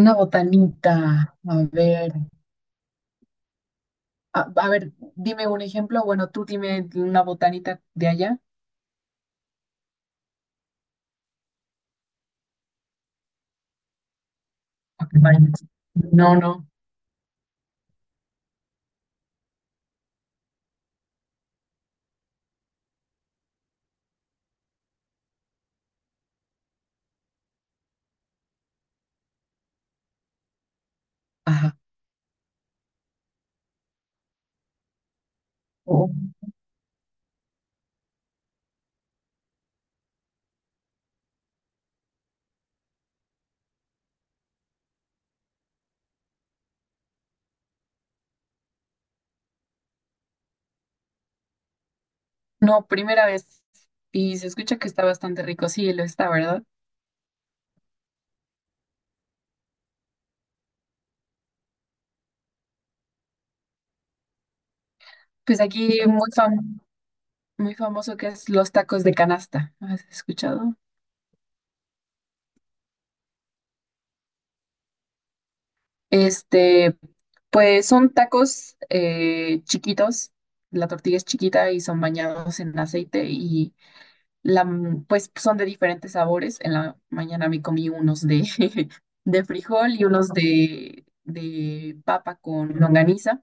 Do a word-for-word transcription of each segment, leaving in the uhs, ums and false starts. Una botanita, a ver, a, a ver, dime un ejemplo. Bueno, tú dime una botanita de allá. Ok, vale. No, no, ajá. Oh. No, primera vez. Y se escucha que está bastante rico, sí, lo está, ¿verdad? Pues aquí muy fam- muy famoso que es los tacos de canasta. ¿Has escuchado? Este, pues son tacos eh, chiquitos, la tortilla es chiquita y son bañados en aceite. La, mm, pues son de diferentes sabores. En la mañana me comí unos de, de frijol y unos de, de papa con longaniza.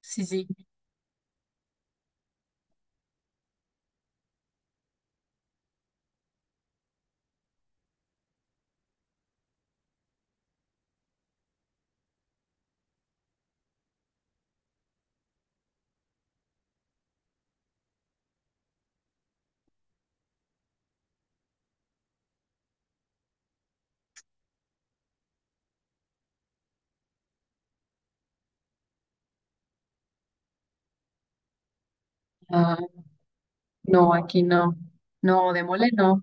Sí, sí. Ah, no, aquí no. No, de mole no.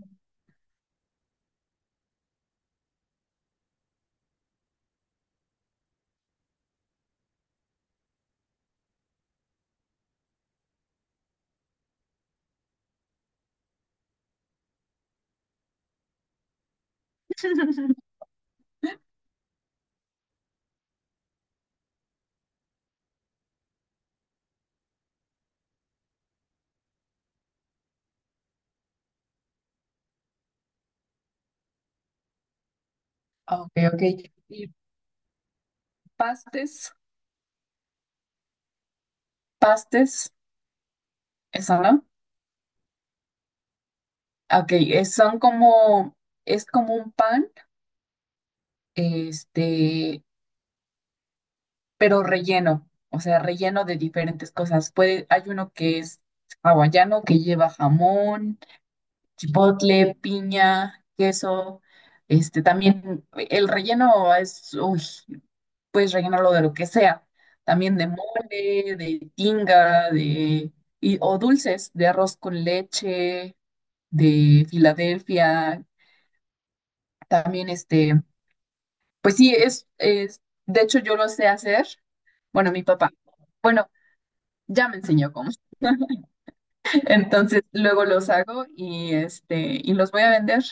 Ah, ok, ok. Y pastes, pastes, eso, ¿no? Ok, es- son como, es como un pan, este, pero relleno, o sea, relleno de diferentes cosas. Puede, hay uno que es hawaiano, que lleva jamón, chipotle, piña, queso. Este también el relleno es, uy, puedes rellenarlo de lo que sea, también de mole, de tinga, de, y, o dulces, de arroz con leche, de Filadelfia, también este, pues sí, es, es, de hecho yo lo sé hacer, bueno, mi papá, bueno, ya me enseñó cómo. Entonces, luego los hago y este y los voy a vender.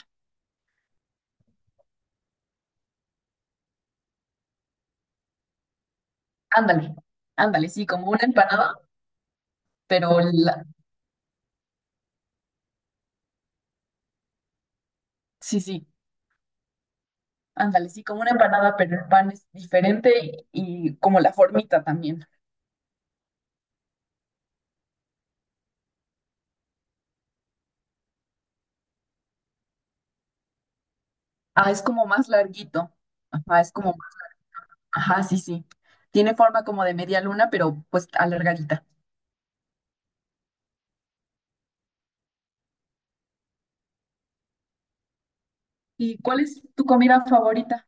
Ándale, ándale, sí, como una empanada, pero la, sí, sí, ándale, sí, como una empanada, pero el pan es diferente y como la formita también. Ah, es como más larguito. Ajá, es como, ajá, sí, sí. Tiene forma como de media luna, pero pues alargadita. ¿Y cuál es tu comida favorita?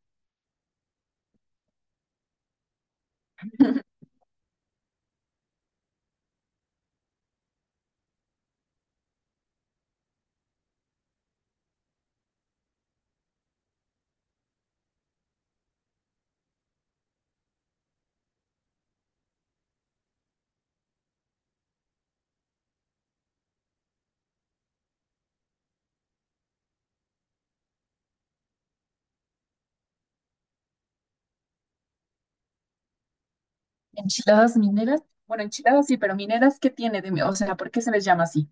¿Enchiladas mineras? Bueno, enchiladas sí, pero mineras, ¿qué tiene de mi-? O sea, ¿por qué se les llama así?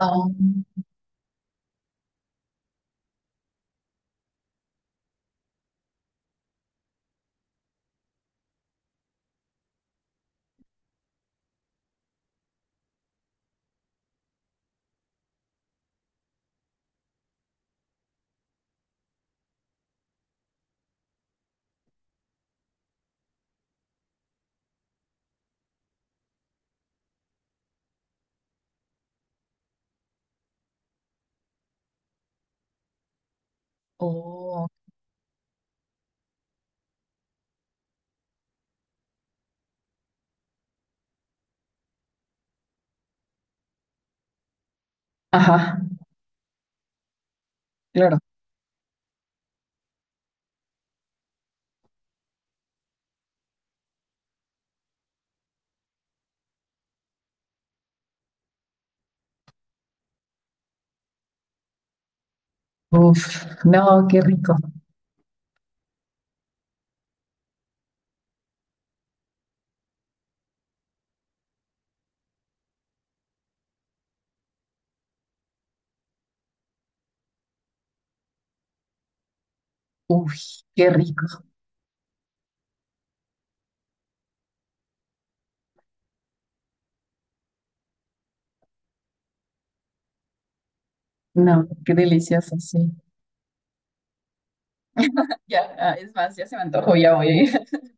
Oh. Oh, ajá, claro. Uf, no, qué rico. Uy, qué rico. No, qué delicioso, sí. Ya, ah, es más, ya se me antojó, ya voy a ir.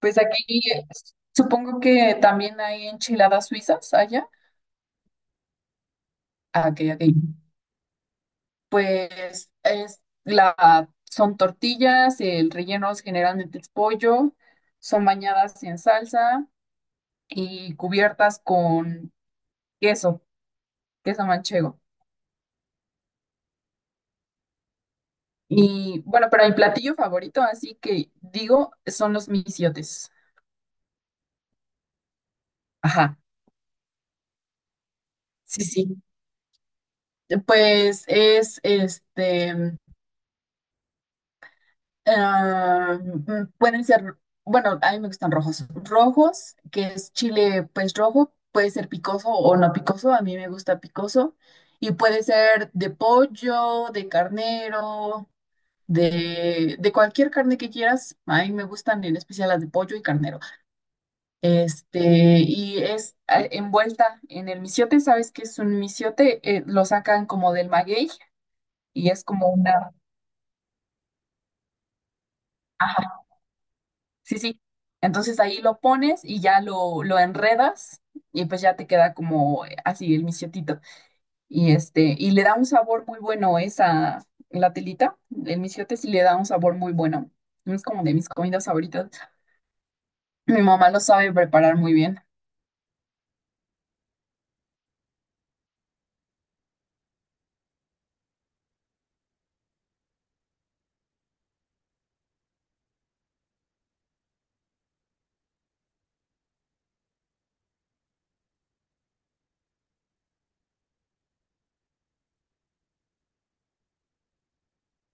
Pues aquí eh, supongo que también hay enchiladas suizas allá. Ah, ok, ok. Pues es la, son tortillas, el relleno es generalmente es pollo, son bañadas en salsa y cubiertas con queso, queso manchego. Y bueno, pero el platillo favorito, así que digo, son los misiotes. Ajá, sí, sí. Pues es este, ah, mm, pueden ser, bueno, a mí me gustan rojos. Rojos, que es chile pues rojo, puede ser picoso o no picoso, a mí me gusta picoso. Y puede ser de pollo, de carnero, de, de cualquier carne que quieras. A mí me gustan en especial las de pollo y carnero. Este, y es ah, envuelta en el misiote. ¿Sabes qué es un misiote? Eh, lo sacan como del maguey y es como una... Ajá. Sí, sí. Entonces ahí lo pones y ya lo, lo enredas y pues ya te queda como eh, así el mixiotito. Y este, y le da un sabor muy bueno esa, la telita, el misiote sí le da un sabor muy bueno. Es como de mis comidas favoritas. Mi mamá lo sabe preparar muy bien.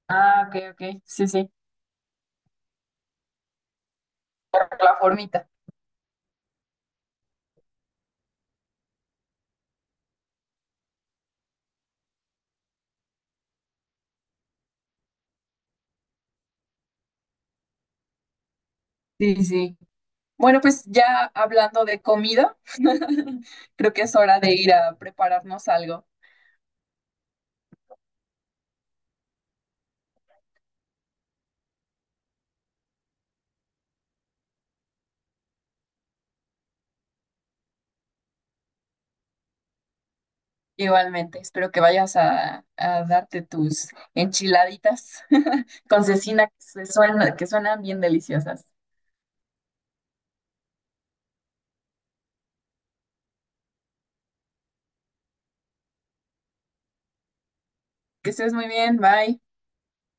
Ah, ok, ok. Sí, sí. La formita. Sí, sí. Bueno, pues ya hablando de comida, creo que es hora de ir a prepararnos algo. Igualmente, espero que vayas a, a darte tus enchiladitas con cecina que se suena- que suenan bien deliciosas. Que estés muy bien, bye.